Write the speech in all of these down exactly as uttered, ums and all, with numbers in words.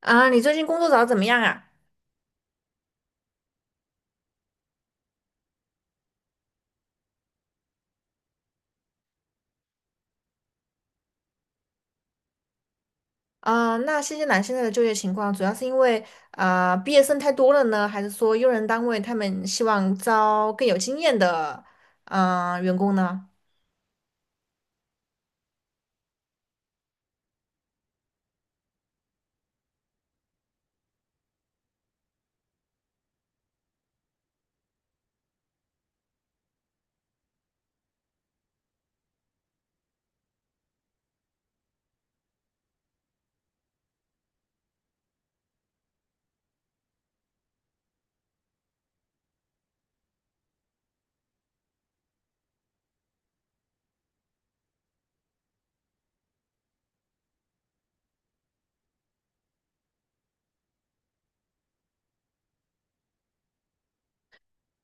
啊，你最近工作找的怎么样啊？啊，那新西兰现在的就业情况，主要是因为啊、毕业生太多了呢，还是说用人单位他们希望招更有经验的嗯、呃员工呢？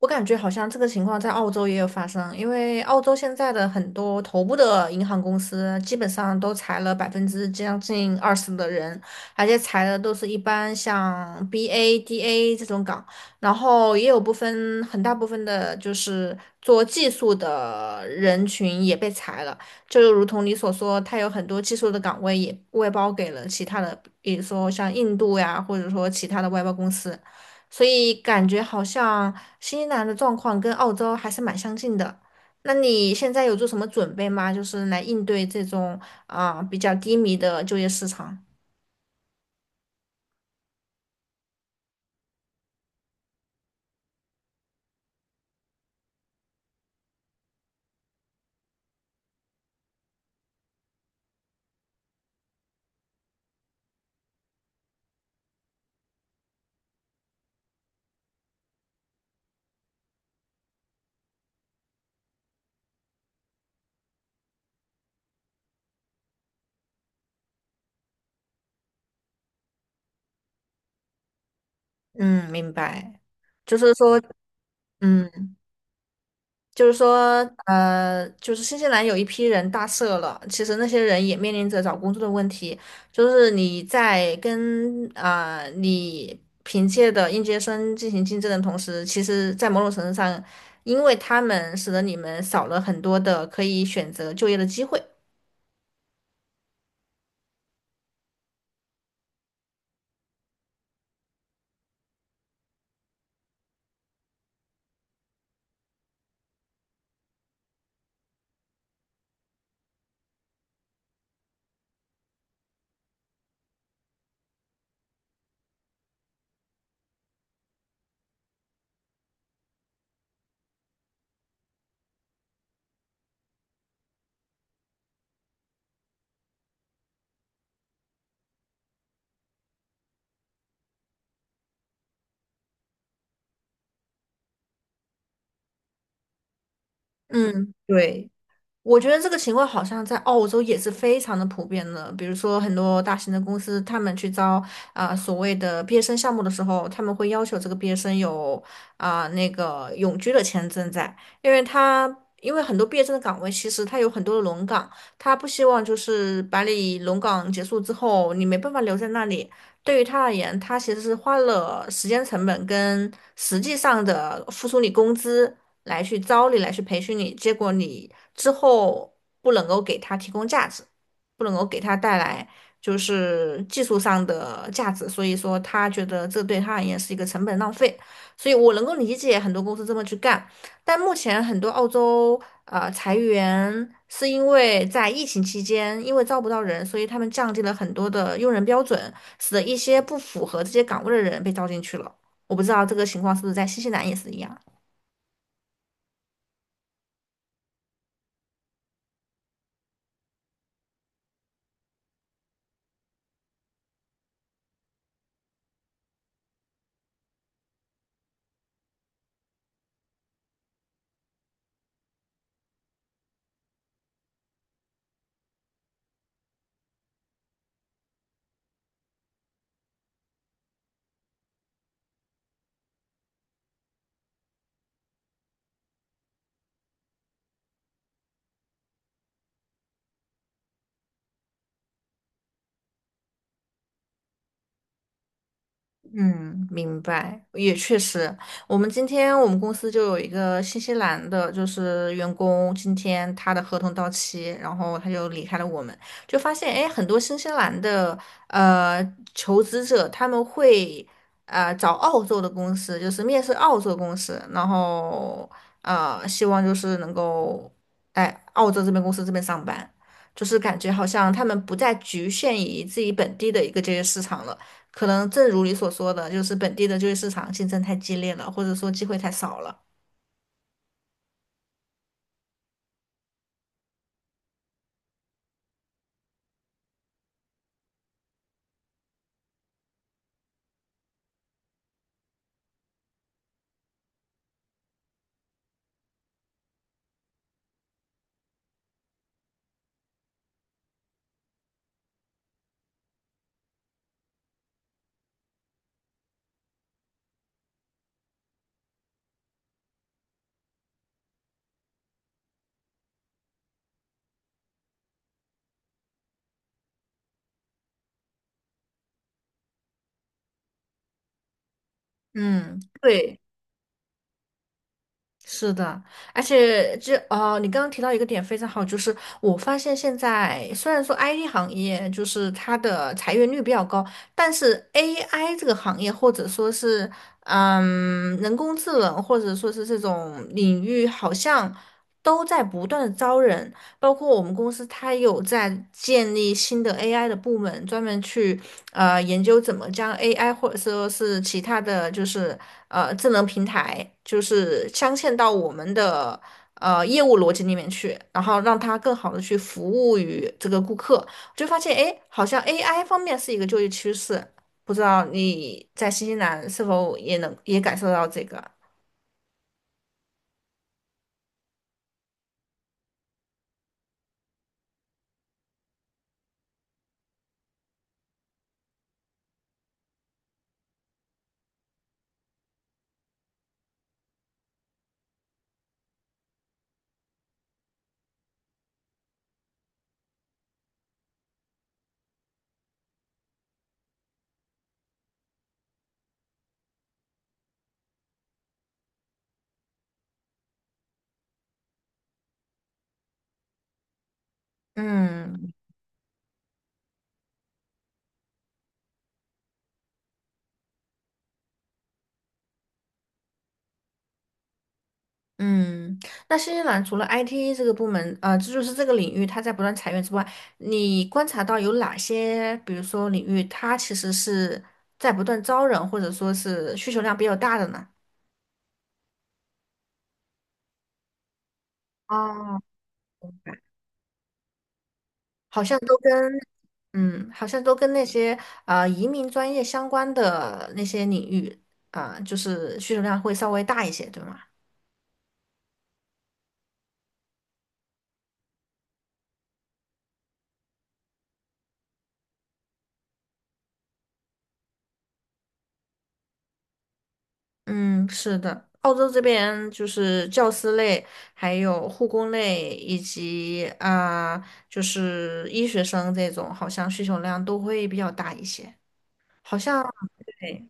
我感觉好像这个情况在澳洲也有发生，因为澳洲现在的很多头部的银行公司基本上都裁了百分之将近二十的人，而且裁的都是一般像 B A、D A 这种岗，然后也有部分很大部分的就是做技术的人群也被裁了，就如同你所说，它有很多技术的岗位也外包给了其他的，比如说像印度呀，或者说其他的外包公司。所以感觉好像新西兰的状况跟澳洲还是蛮相近的。那你现在有做什么准备吗？就是来应对这种啊、比较低迷的就业市场。嗯，明白。就是说，嗯。就是说，呃，就是新西兰有一批人大赦了，其实那些人也面临着找工作的问题。就是你在跟啊、呃你凭借的应届生进行竞争的同时，其实，在某种程度上，因为他们使得你们少了很多的可以选择就业的机会。嗯，对。我觉得这个情况好像在澳洲也是非常的普遍的。比如说，很多大型的公司，他们去招啊、呃所谓的毕业生项目的时候，他们会要求这个毕业生有啊、那个永居的签证在，因为他因为很多毕业生的岗位其实他有很多的轮岗，他不希望就是把你轮岗结束之后你没办法留在那里。对于他而言，他其实是花了时间成本跟实际上的付出你工资。来去招你，来去培训你，结果你之后不能够给他提供价值，不能够给他带来就是技术上的价值，所以说他觉得这对他而言是一个成本浪费，所以我能够理解很多公司这么去干，但目前很多澳洲呃裁员是因为在疫情期间，因为招不到人，所以他们降低了很多的用人标准，使得一些不符合这些岗位的人被招进去了。我不知道这个情况是不是在新西兰也是一样。嗯，明白，也确实。我们今天我们公司就有一个新西兰的，就是员工，今天他的合同到期，然后他就离开了我们，就发现，哎，很多新西兰的呃求职者他们会呃找澳洲的公司，就是面试澳洲公司，然后呃希望就是能够哎澳洲这边公司这边上班，就是感觉好像他们不再局限于自己本地的一个就业市场了。可能正如你所说的，就是本地的就业市场竞争太激烈了，或者说机会太少了。嗯，对，是的，而且就哦，你刚刚提到一个点非常好，就是我发现现在虽然说 I T 行业就是它的裁员率比较高，但是 A I 这个行业或者说是嗯人工智能或者说是这种领域，好像都在不断的招人，包括我们公司它有在建立新的 A I 的部门，专门去呃研究怎么将 A I 或者说是其他的就是呃智能平台，就是镶嵌到我们的呃业务逻辑里面去，然后让它更好的去服务于这个顾客。我就发现，哎，好像 A I 方面是一个就业趋势，不知道你在新西兰是否也能也感受到这个？嗯，嗯，那新西兰除了 I T 这个部门，呃，这就是这个领域它在不断裁员之外，你观察到有哪些，比如说领域它其实是在不断招人，或者说是需求量比较大的呢？哦，好像都跟，嗯，好像都跟那些呃移民专业相关的那些领域，啊、就是需求量会稍微大一些，对吗？嗯，是的，澳洲这边就是教师类，还有护工类，以及啊、就是医学生这种，好像需求量都会比较大一些。好像对，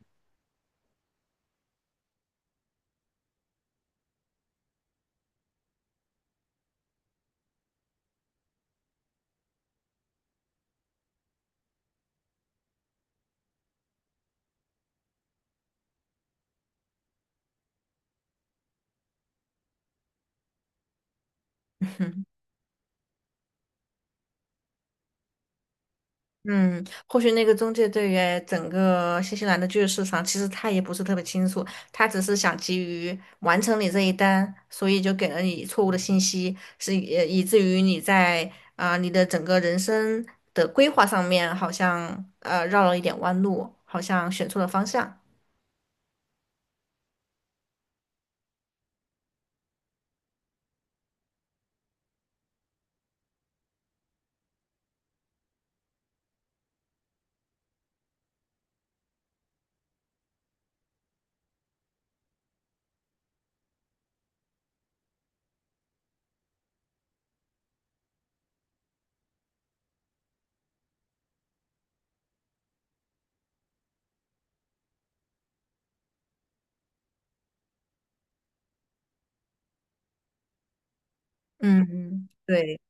嗯，或许那个中介对于整个新西兰的就业市场，其实他也不是特别清楚，他只是想急于完成你这一单，所以就给了你错误的信息，是以以至于你在啊、你的整个人生的规划上面，好像呃绕了一点弯路，好像选错了方向。嗯嗯，对。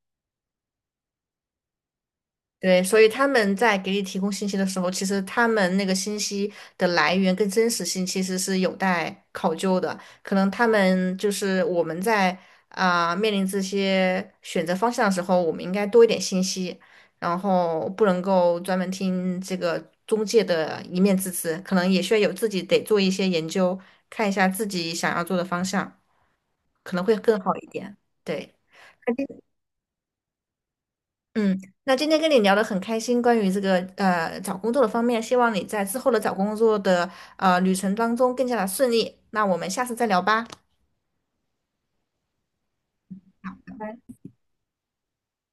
对，所以他们在给你提供信息的时候，其实他们那个信息的来源跟真实性其实是有待考究的。可能他们就是我们在啊、面临这些选择方向的时候，我们应该多一点信息，然后不能够专门听这个中介的一面之词，可能也需要有自己得做一些研究，看一下自己想要做的方向，可能会更好一点。对。嗯，那今天跟你聊得很开心，关于这个呃找工作的方面，希望你在之后的找工作的呃旅程当中更加的顺利。那我们下次再聊吧。拜拜。